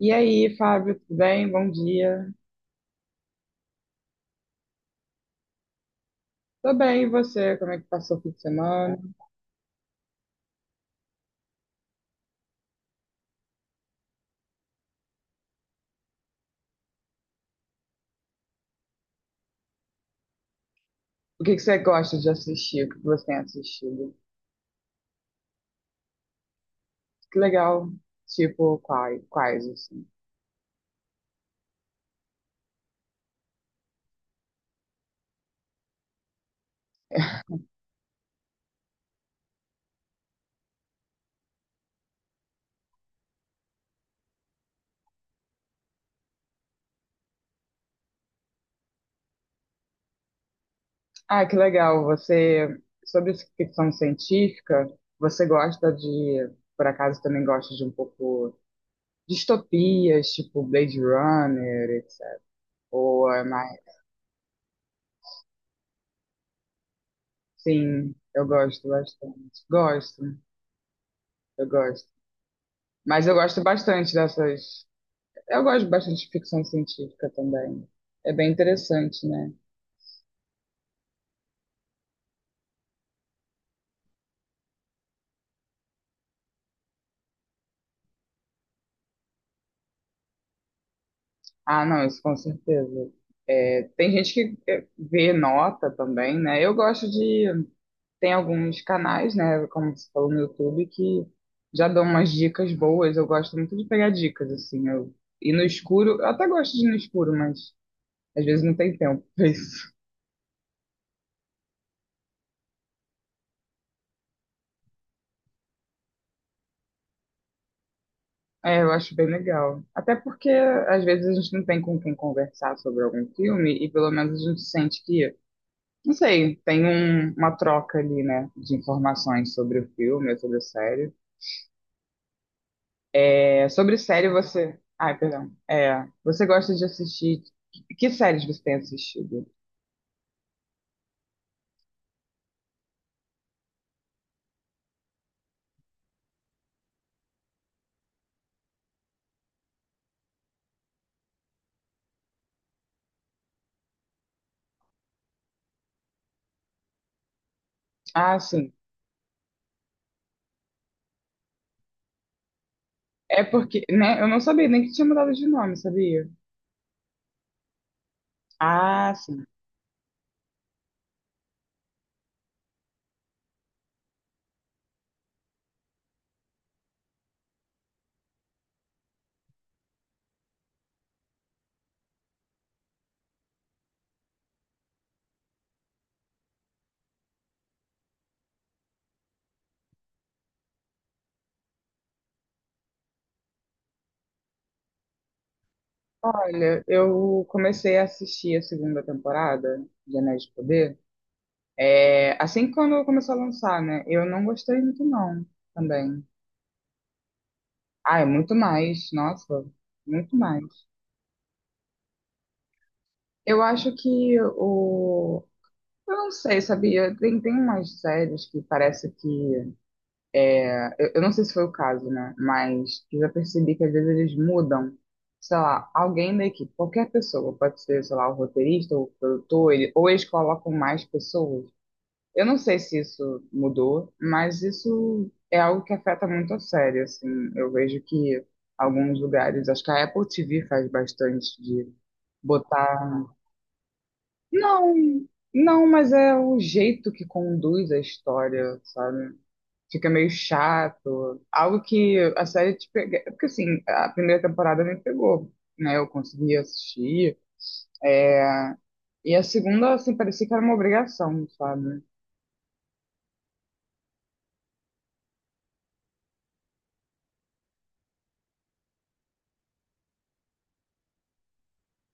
E aí, Fábio, tudo bem? Bom dia. Tô bem, e você? Como é que passou o fim de semana? O que que você gosta de assistir? O que que você tem assistido? Que legal. Tipo, quais, assim? Ah, que legal. Você, sobre ficção científica, você gosta de, por acaso, também gosta de um pouco distopias, tipo Blade Runner, etc. Ou é mais... Sim, eu gosto bastante. Gosto, eu gosto. Mas eu gosto bastante dessas. Eu gosto bastante de ficção científica também. É bem interessante, né? Ah, não, isso com certeza. É, tem gente que é, vê nota também, né? Eu gosto de. Tem alguns canais, né? Como você falou no YouTube, que já dão umas dicas boas. Eu gosto muito de pegar dicas, assim. E no escuro, eu até gosto de ir no escuro, mas às vezes não tem tempo pra isso. É, eu acho bem legal. Até porque às vezes a gente não tem com quem conversar sobre algum filme e pelo menos a gente sente que. Não sei, tem uma troca ali, né, de informações sobre o filme, ou sobre a série. É, sobre série você. Ai, perdão. É, você gosta de assistir. Que séries você tem assistido? Ah, sim. É porque, né, eu não sabia nem que tinha mudado de nome, sabia? Ah, sim. Olha, eu comecei a assistir a segunda temporada de Anéis de Poder. É, assim que quando começou a lançar, né? Eu não gostei muito, não, também. Ah, é muito mais, nossa, muito mais. Eu acho que o. Eu não sei, sabia? Tem umas séries que parece que. Eu não sei se foi o caso, né? Mas eu já percebi que às vezes eles mudam, sei lá, alguém da equipe, qualquer pessoa, pode ser, sei lá, o roteirista, o produtor, ele, ou eles colocam mais pessoas. Eu não sei se isso mudou, mas isso é algo que afeta muito a série, assim. Eu vejo que alguns lugares, acho que a Apple TV faz bastante de botar. Não, não, mas é o jeito que conduz a história, sabe? Fica meio chato. Algo que a série te pega. Porque assim, a primeira temporada me pegou, né? Eu consegui assistir. E a segunda, assim, parecia que era uma obrigação, sabe?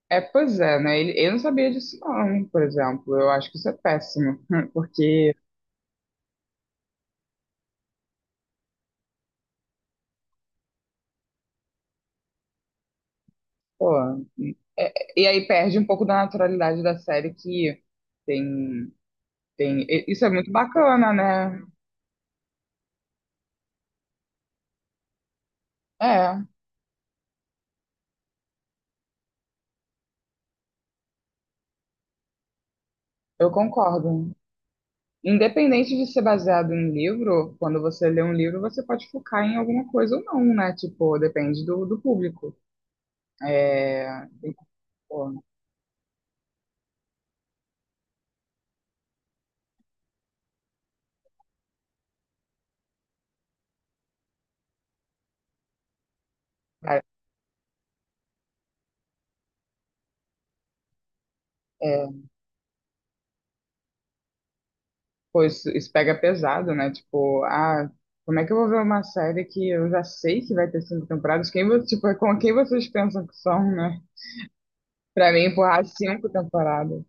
É, pois é, né? Eu não sabia disso, não, por exemplo. Eu acho que isso é péssimo. Porque, pô. é- e aí perde um pouco da naturalidade da série que tem. Tem, isso é muito bacana, né? É, eu concordo. Independente de ser baseado em livro, quando você lê um livro, você pode focar em alguma coisa ou não, né? Tipo, depende do público. É pô, cara, é, pô, isso pega pesado, né? Tipo, ah, como é que eu vou ver uma série que eu já sei que vai ter cinco temporadas? Quem, tipo, com quem vocês pensam que são, né? Pra mim, empurrar cinco temporadas.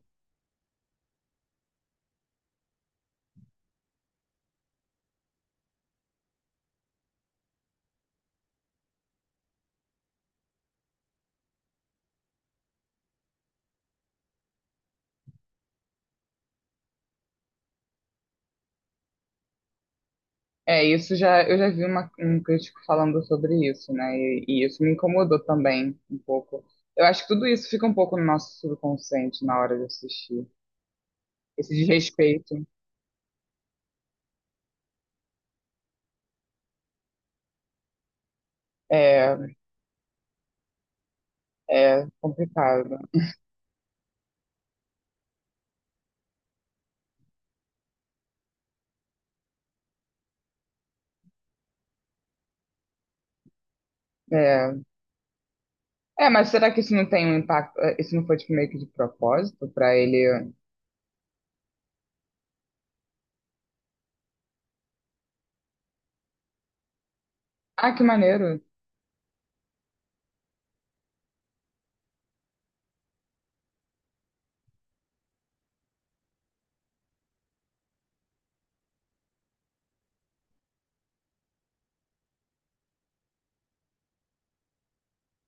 É, isso já, eu já vi um crítico falando sobre isso, né? E isso me incomodou também um pouco. Eu acho que tudo isso fica um pouco no nosso subconsciente na hora de assistir. Esse desrespeito é, é complicado. É, é, mas será que isso não tem um impacto? Isso não foi tipo, meio que de propósito pra ele? Ah, que maneiro!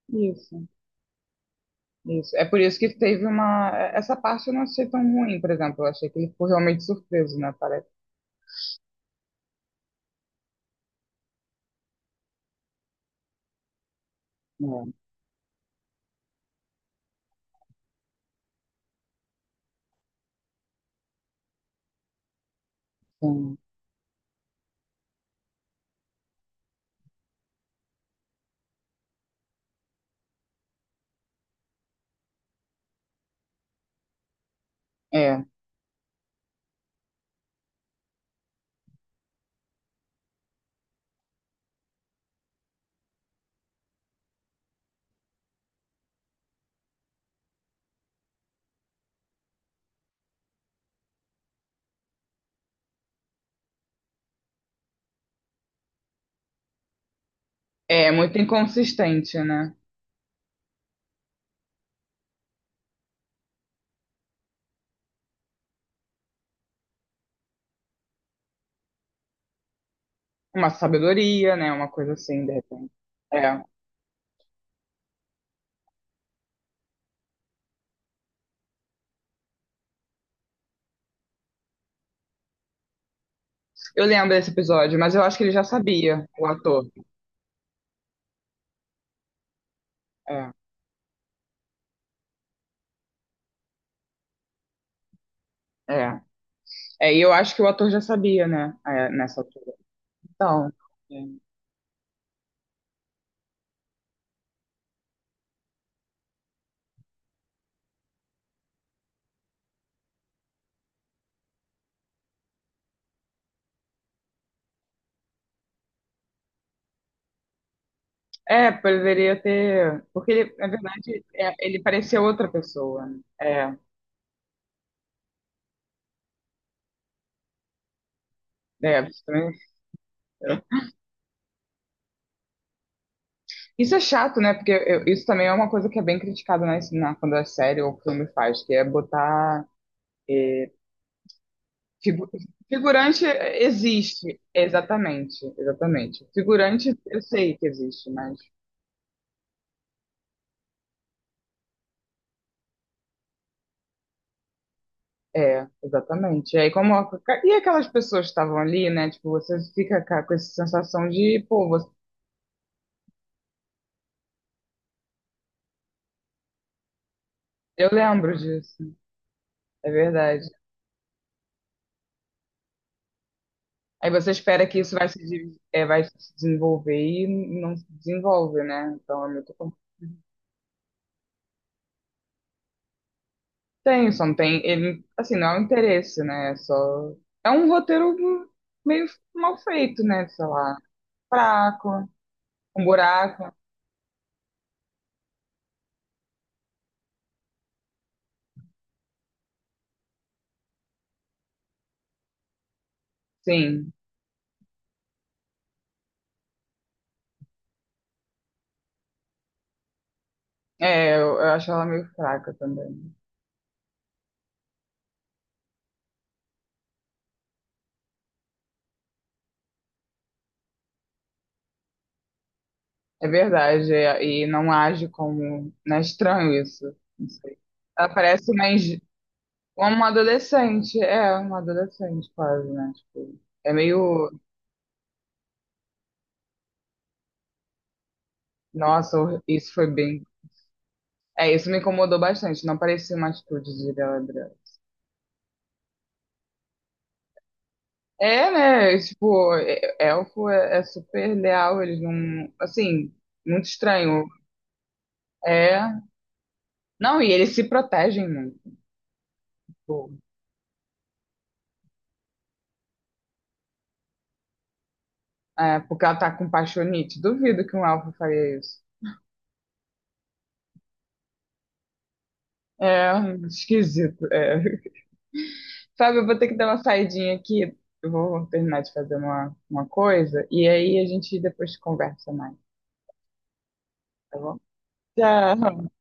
Isso, isso. É por isso que teve uma. Essa parte eu não achei tão ruim, por exemplo. Eu achei que ele ficou realmente surpreso, né? Parece. É, sim. É. É muito inconsistente, né? Uma sabedoria, né? Uma coisa assim, de repente. É. Eu lembro desse episódio, mas eu acho que ele já sabia, o ator. É, é. É, e eu acho que o ator já sabia, né? É, nessa altura. Então. É, é, poderia ter. Porque ele, na verdade, é, ele parecia outra pessoa, né? É. É, isso também. Isso é chato, né? Porque isso também é uma coisa que é bem criticada na, quando a série ou filme faz, que é botar. eh, Figu- Figurante existe, exatamente, exatamente. Figurante eu sei que existe, mas é, exatamente. E aí como e aquelas pessoas que estavam ali, né? Tipo, você fica com essa sensação de, pô, você. Eu lembro disso, é verdade. Aí você espera que isso vai se, é, vai se desenvolver e não se desenvolve, né? Então é muito complicado. Tem, só não tem, ele, assim, não é um interesse, né? É só é um roteiro meio mal feito, né? Sei lá, fraco. Um buraco, sim. É, eu acho ela meio fraca também. É verdade, é, e não age como. Não é estranho isso. Não sei. Ela parece uma, uma adolescente. É, uma adolescente quase, né? Tipo, é meio. Nossa, isso foi bem. É, isso me incomodou bastante. Não parecia uma atitude de Galadriel. É, né? Tipo, elfo é, é super leal. Eles não. Assim, muito estranho. É. Não, e eles se protegem muito. Tipo, é, porque ela tá com um paixonite. Duvido que um elfo faria isso. É esquisito. É. Fábio, eu vou ter que dar uma saidinha aqui. Eu vou terminar de fazer uma coisa. E aí a gente depois conversa mais, tá bom? Tchau.